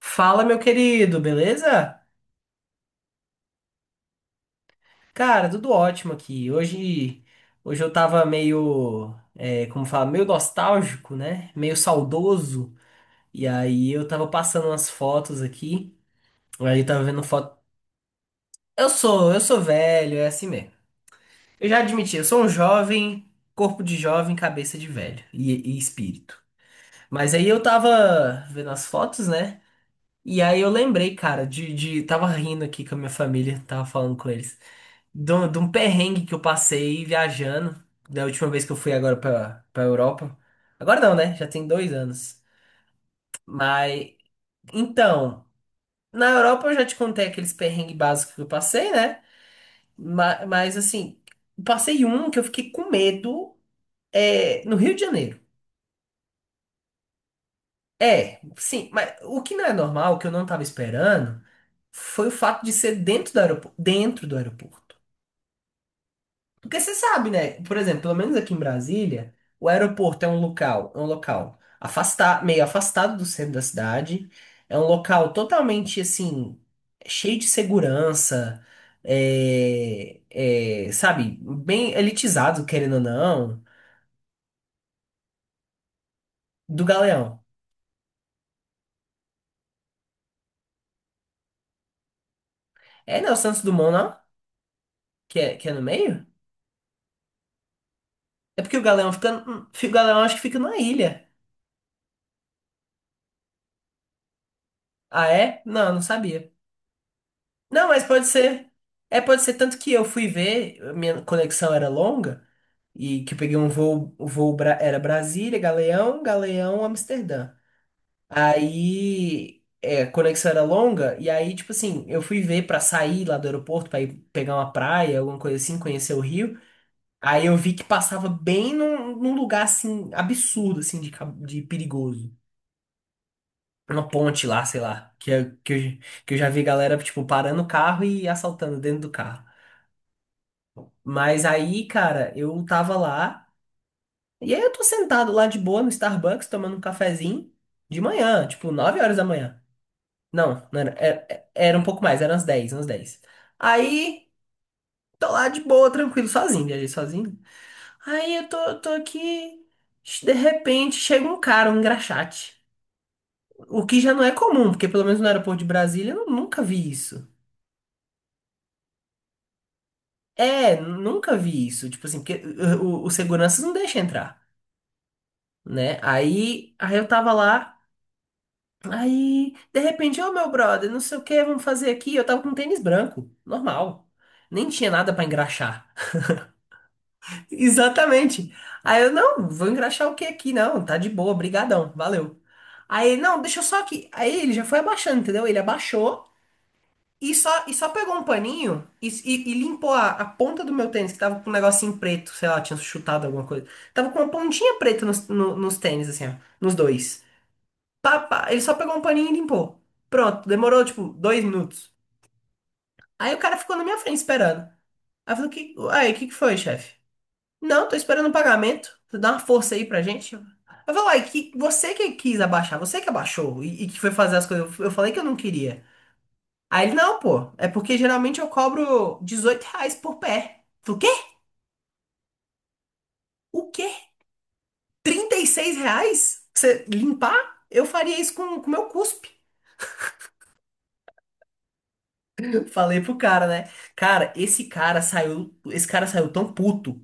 Fala, meu querido, beleza? Cara, tudo ótimo aqui. Hoje eu tava meio, como fala, meio nostálgico, né? Meio saudoso. E aí eu tava passando umas fotos aqui. Aí eu tava vendo foto. Eu sou velho, é assim mesmo. Eu já admiti, eu sou um jovem, corpo de jovem, cabeça de velho e espírito. Mas aí eu tava vendo as fotos, né? E aí eu lembrei, cara, tava rindo aqui com a minha família, tava falando com eles. De um perrengue que eu passei viajando, da última vez que eu fui agora pra Europa. Agora não, né? Já tem dois anos. Mas, então, na Europa eu já te contei aqueles perrengues básicos que eu passei, né? Mas assim, passei um que eu fiquei com medo no Rio de Janeiro. É, sim, mas o que não é normal, que eu não tava esperando, foi o fato de ser dentro do aeroporto, dentro do aeroporto. Porque você sabe, né? Por exemplo, pelo menos aqui em Brasília, o aeroporto é um local afastado, meio afastado do centro da cidade. É um local totalmente assim, cheio de segurança, é, sabe, bem elitizado, querendo ou não, do Galeão. É, né? O Santos Dumont, não? Que é no meio? É porque o Galeão fica. O Galeão acho que fica na ilha. Ah, é? Não sabia. Não, mas pode ser. É, pode ser. Tanto que eu fui ver, a minha conexão era longa, e que eu peguei um voo, o voo era Brasília, Galeão, Galeão, Amsterdã. Aí, é, a conexão era longa, e aí, tipo assim, eu fui ver pra sair lá do aeroporto, pra ir pegar uma praia, alguma coisa assim, conhecer o Rio. Aí eu vi que passava bem num lugar, assim, absurdo, assim, de perigoso. Uma ponte lá, sei lá, eu, que eu já vi galera, tipo, parando o carro e assaltando dentro do carro. Mas aí, cara, eu tava lá, e aí eu tô sentado lá de boa no Starbucks, tomando um cafezinho de manhã, tipo, 9 horas da manhã. Não, não era, era, era um pouco mais, eram umas dez. Aí, tô lá de boa, tranquilo, sozinho, viajei sozinho. Aí eu tô aqui, de repente chega um cara, um engraxate. O que já não é comum, porque pelo menos no aeroporto de Brasília eu nunca vi isso. É, nunca vi isso. Tipo assim, porque o segurança não deixa entrar. Né? Aí eu tava lá, aí de repente, ô meu brother, não sei o que, vamos fazer aqui. Eu tava com um tênis branco, normal. Nem tinha nada pra engraxar. Exatamente. Aí eu, não, vou engraxar o que aqui? Não, tá de boa, brigadão, valeu. Aí, ele, não, deixa eu só aqui. Aí ele já foi abaixando, entendeu? Ele abaixou e só pegou um paninho e limpou a ponta do meu tênis, que tava com um negocinho preto, sei lá, tinha chutado alguma coisa. Tava com uma pontinha preta nos, no- nos tênis, assim, ó, nos dois. Pá, pá. Ele só pegou um paninho e limpou. Pronto, demorou tipo dois minutos. Aí o cara ficou na minha frente esperando. Aí eu falei, que... aí, o que que foi, chefe? Não, tô esperando o pagamento. Você dá uma força aí pra gente. Eu falei, uai, que você que quis abaixar, você que abaixou e que foi fazer as coisas. Eu falei que eu não queria. Aí ele, não, pô, é porque geralmente eu cobro R$ 18 por pé. Eu falei, o quê? O quê? R$ 36? Pra você limpar? Eu faria isso com o meu cuspe. Falei pro cara, né? Cara, esse cara saiu tão puto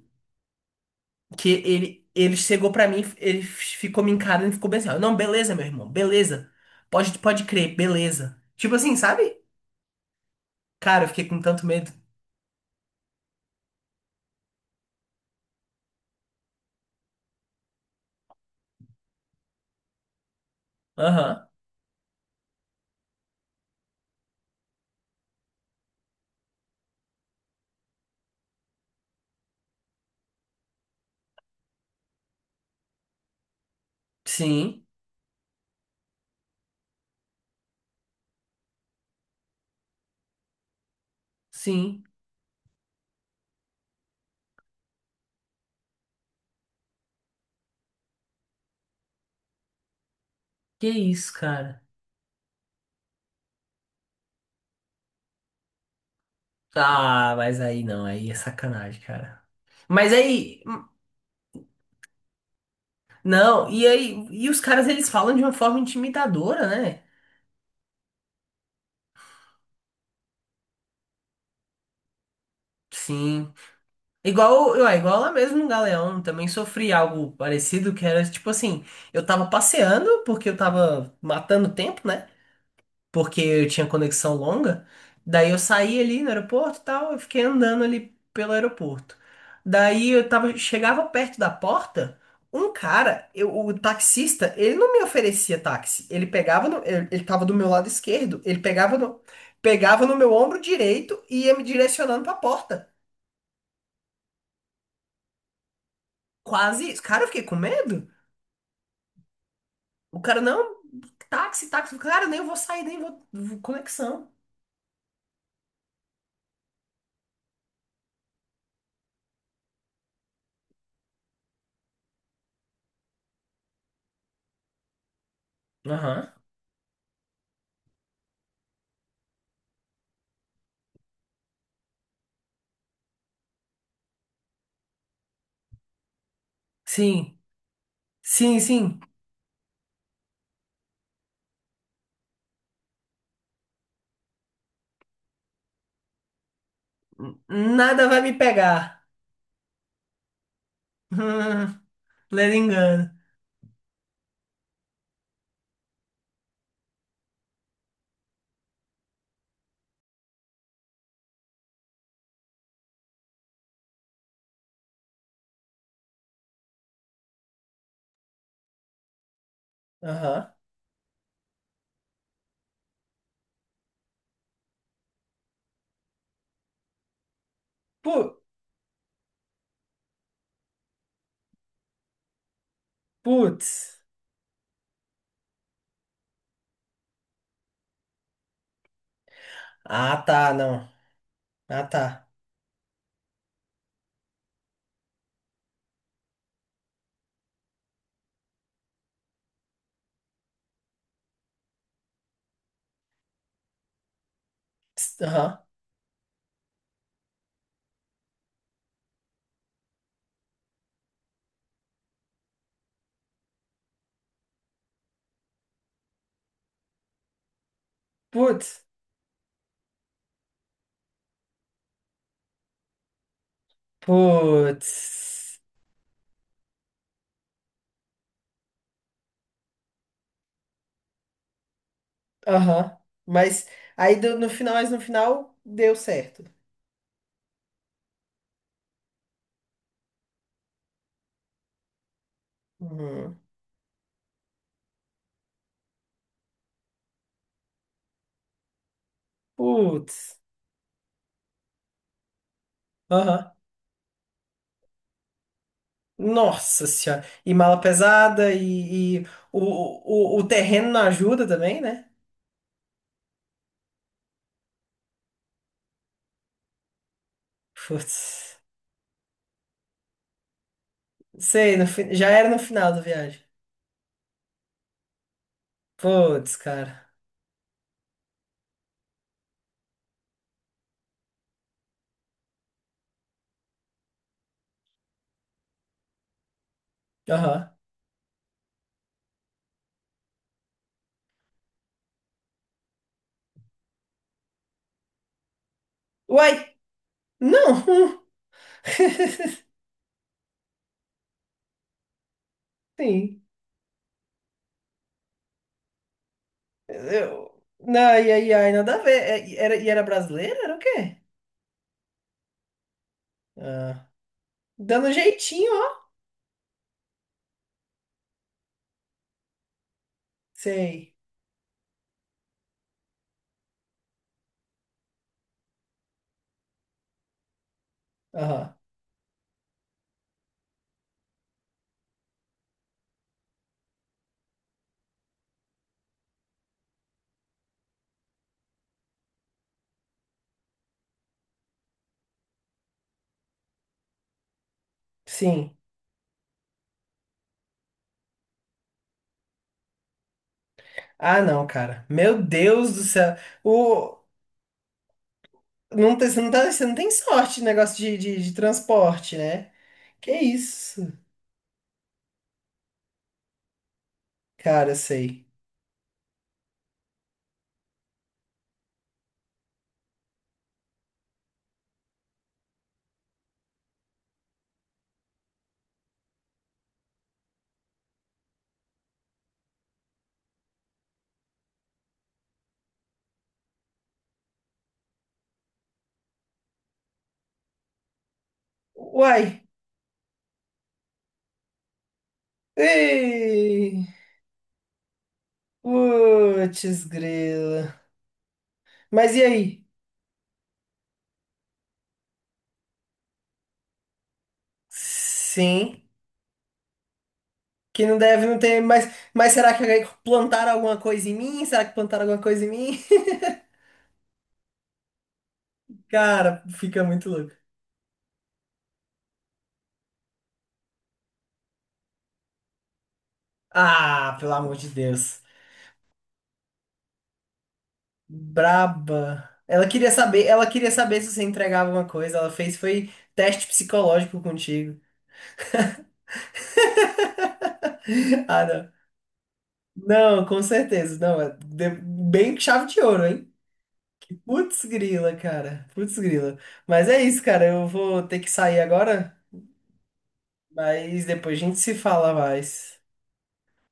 que ele chegou pra mim, ele ficou me encarando e ficou bem assim, ó, não, beleza, meu irmão, beleza. Pode crer, beleza. Tipo assim, sabe? Cara, eu fiquei com tanto medo. Aham. Sim, sim. Que isso, cara? Ah, mas aí não, aí é sacanagem, cara. Mas aí, não, e aí, e os caras eles falam de uma forma intimidadora, né? Sim. Igual, ué, igual lá mesmo no Galeão, também sofri algo parecido, que era tipo assim, eu tava passeando porque eu tava matando tempo, né? Porque eu tinha conexão longa. Daí eu saí ali no aeroporto e tal, eu fiquei andando ali pelo aeroporto. Daí eu tava, chegava perto da porta, um cara, o taxista, ele não me oferecia táxi. Ele pegava no, ele tava do meu lado esquerdo, ele pegava no meu ombro direito e ia me direcionando pra porta. Quase isso. Cara, eu fiquei com medo. O cara, não, táxi, táxi. Cara, nem vou sair, nem vou. Vou- Conexão. Aham. Sim, sim. Nada vai me pegar. Hum, lendo engano. Aham. Pu- Putz. Ah, tá, não. Ah, tá. Psst, aham. Putz. Putz. Aham. Mas mas no final deu certo. Uhum. Putz. Aham. Nossa senhora. E mala pesada e o terreno não ajuda também, né? Putz. Sei, já era no final da viagem. Putz, cara. Aham. Uai! Não! Sim. Eu... Não, e aí, ai, nada a ver. E era, e era brasileira? Era o quê? Ah, dando um jeitinho, ó. Sei. Aham. Sim. Ah, não, cara. Meu Deus do céu. O... Não tem, você, não tá, você não tem sorte no negócio de transporte, né? Que isso? Cara, sei. Uai! Ei! Putz, grila. Mas e aí? Sim, que não deve não ter. Mas será que plantaram alguma coisa em mim? Será que plantaram alguma coisa em mim? Cara, fica muito louco. Ah, pelo amor de Deus. Braba. Ela queria saber se você entregava alguma coisa. Ela fez foi teste psicológico contigo. Ah, não. Não, com certeza. Não, é bem chave de ouro, hein? Putz grila, cara. Putz grila. Mas é isso, cara. Eu vou ter que sair agora, mas depois a gente se fala mais.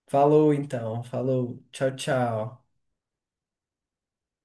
Falou então. Falou. Tchau, tchau.